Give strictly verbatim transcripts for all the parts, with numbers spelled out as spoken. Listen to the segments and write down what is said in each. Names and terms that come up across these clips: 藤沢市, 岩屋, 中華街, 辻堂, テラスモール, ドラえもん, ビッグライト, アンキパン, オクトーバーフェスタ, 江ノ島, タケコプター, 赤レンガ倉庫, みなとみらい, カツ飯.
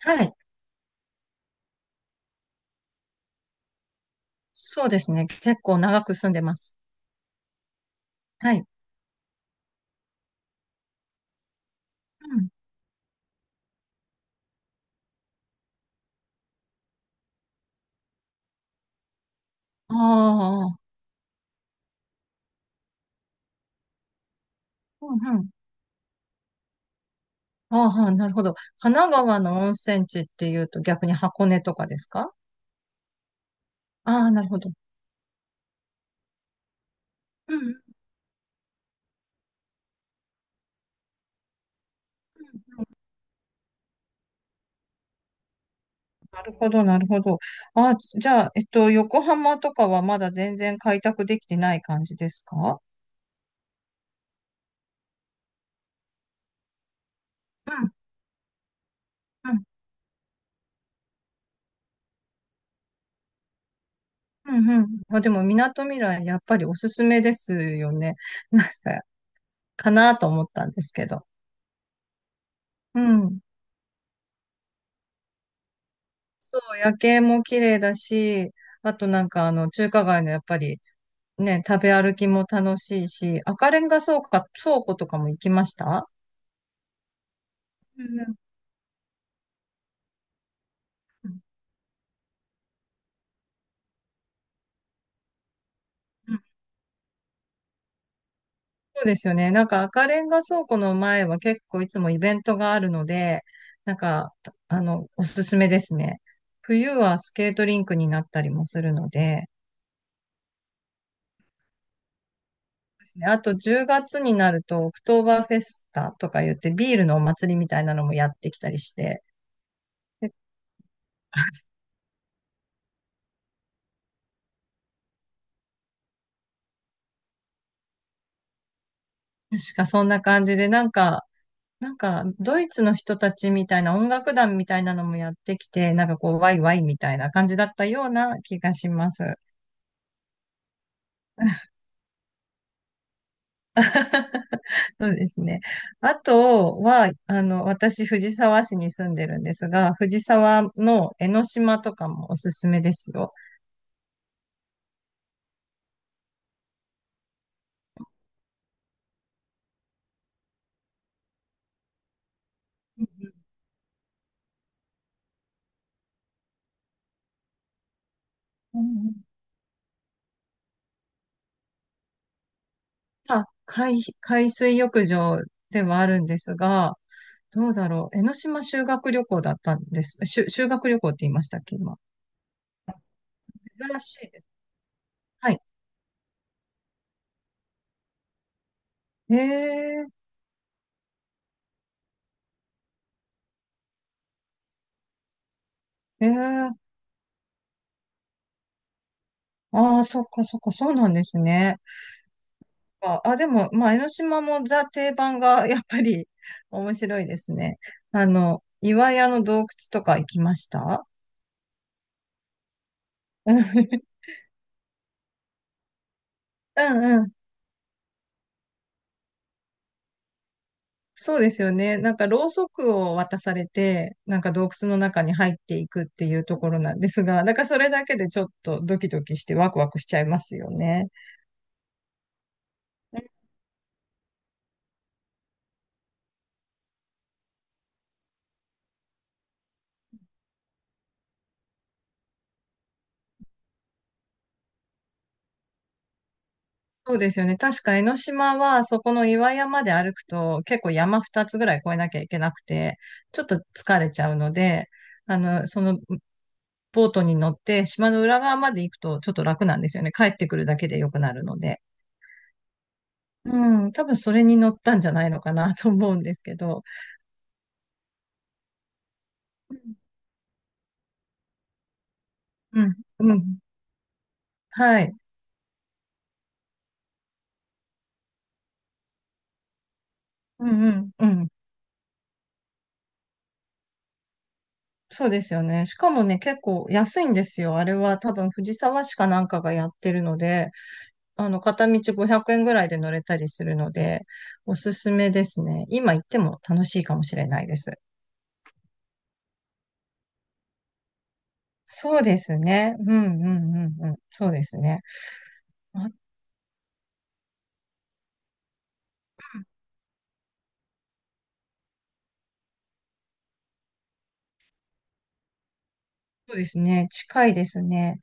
はい。そうですね。結構長く住んでます。はい。うん。ああ、うんうん。ああ、なるほど。神奈川の温泉地っていうと逆に箱根とかですか？ああ、なるほど。うんうんうん。なるほど、なるほど。ああ、じゃあ、えっと、横浜とかはまだ全然開拓できてない感じですか？うんうんうんうん。まあ、でも、みなとみらい、やっぱりおすすめですよね。なんか、かなと思ったんですけど。うん。夜景も綺麗だし、あとなんかあの中華街のやっぱりね、食べ歩きも楽しいし、赤レンガ倉庫か、倉庫とかも行きました？うんうんうん。そうですよね。なんか赤レンガ倉庫の前は結構いつもイベントがあるので、なんか、あの、おすすめですね。冬はスケートリンクになったりもするので、あとじゅうがつになるとオクトーバーフェスタとか言ってビールのお祭りみたいなのもやってきたりして、確かそんな感じで、なんか、なんか、ドイツの人たちみたいな音楽団みたいなのもやってきて、なんかこう、ワイワイみたいな感じだったような気がします。そうですね。あとは、あの、私、藤沢市に住んでるんですが、藤沢の江ノ島とかもおすすめですよ。うんうん。あ、海、海水浴場ではあるんですが、どうだろう。江ノ島修学旅行だったんです。しゅ、修学旅行って言いましたっけ、今。珍しいですね。はい。ええ、ええ、ああ、そっかそっか、そうなんですね。あ、あでも、まあ、江ノ島もザ定番がやっぱり面白いですね。あの、岩屋の洞窟とか行きました？うん うんうん。そうですよね。なんか、ろうそくを渡されて、なんか洞窟の中に入っていくっていうところなんですが、だからそれだけでちょっとドキドキしてワクワクしちゃいますよね。そうですよね。確か江ノ島は、そこの岩山で歩くと、結構山ふたつぐらい越えなきゃいけなくて、ちょっと疲れちゃうので、あの、その、ボートに乗って島の裏側まで行くとちょっと楽なんですよね。帰ってくるだけで良くなるので。うん、多分それに乗ったんじゃないのかなと思うんですけど。うん、うん、はい。うんうん、うん。そうですよね。しかもね、結構安いんですよ。あれは多分藤沢市かなんかがやってるので、あの、片道ごひゃくえんぐらいで乗れたりするので、おすすめですね。今行っても楽しいかもしれないです。そうですね。うんうんうんうん。そうですね。あ、そうですね。近いですね。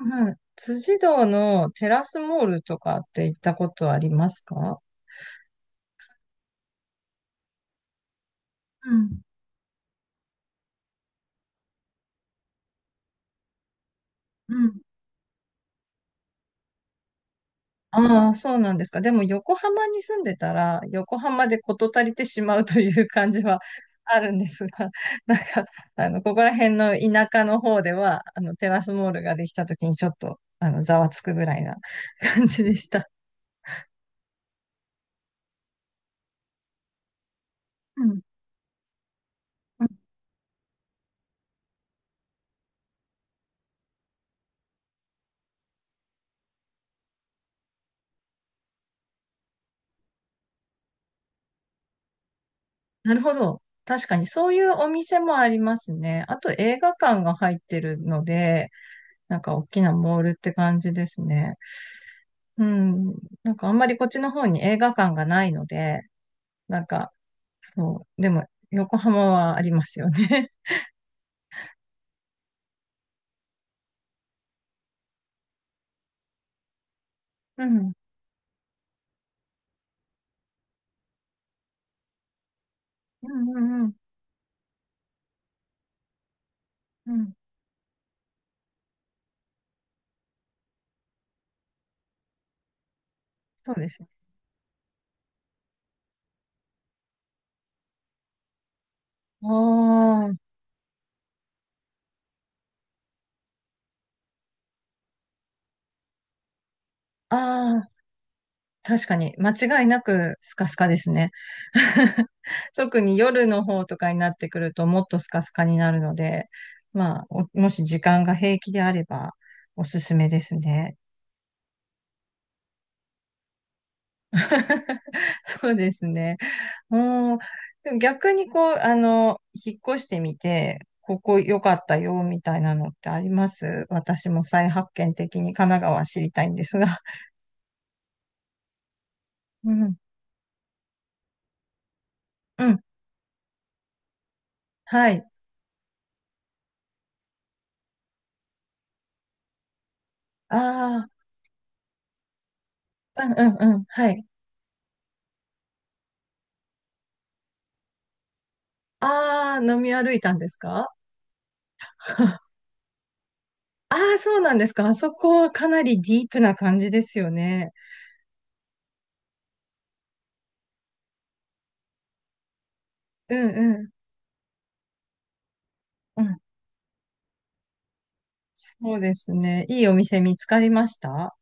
うんうん。辻堂のテラスモールとかって行ったことありますか？うん。うん。ああ、そうなんですか。でも横浜に住んでたら、横浜で事足りてしまうという感じはあるんですが、なんか、あの、ここら辺の田舎の方では、あの、テラスモールができた時にちょっと、あの、ざわつくぐらいな 感じでした。うん。うん。なるほど。確かにそういうお店もありますね。あと映画館が入ってるので、なんか大きなモールって感じですね。うん。なんかあんまりこっちの方に映画館がないので、なんか、そう。でも、横浜はありますよね。うん。うんうんうん。うん。そうですね。あーあー、確かに、間違いなくスカスカですね。特に夜の方とかになってくると、もっとスカスカになるので、まあ、おもし時間が平気であれば、おすすめですね。そうですね。うん。でも逆にこう、あの、引っ越してみて、ここ良かったよ、みたいなのってあります？私も再発見的に神奈川知りたいんですが。うん。うん。はい。ああ、うんうんうん。はい。ああ、飲み歩いたんですか？あ あー、そうなんですか。あそこはかなりディープな感じですよね。うんうん。うん。そうですね。いいお店見つかりました？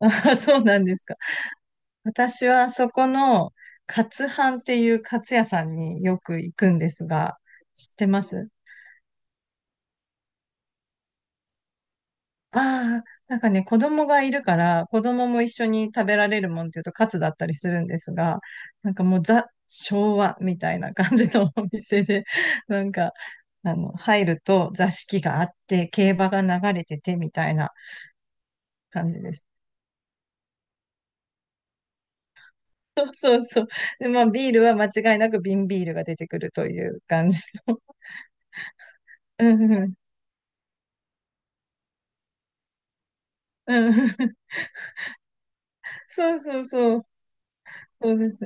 あ、そうなんですか。私はそこの、カツ飯っていうカツ屋さんによく行くんですが、知ってます？ああー、なんかね、子供がいるから、子供も一緒に食べられるもんっていうとカツだったりするんですが、なんかもうザ・昭和みたいな感じのお店で、なんか、あの、入ると座敷があって、競馬が流れててみたいな感じです。そうそうそう。で、まあ、ビールは間違いなく瓶ビールが出てくるという感じの。うんうん。うん。そうそうそう。そうです。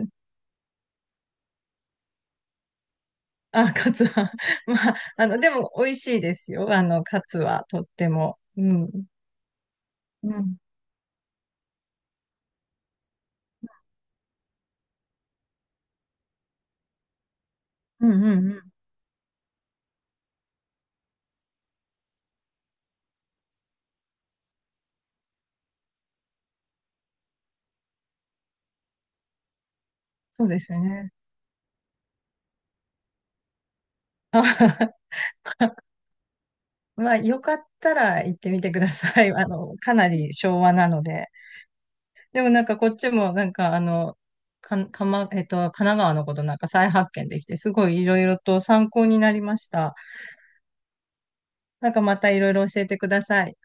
あ、カツは。まあ、あの、でも美味しいですよ。あの、カツはとっても。うん。うん。うんうんうん。そうですね。あ まあ、よかったら行ってみてください。あの、かなり昭和なので。でもなんかこっちもなんかあの、か、かま、えっと、神奈川のことなんか再発見できて、すごいいろいろと参考になりました。なんかまたいろいろ教えてください。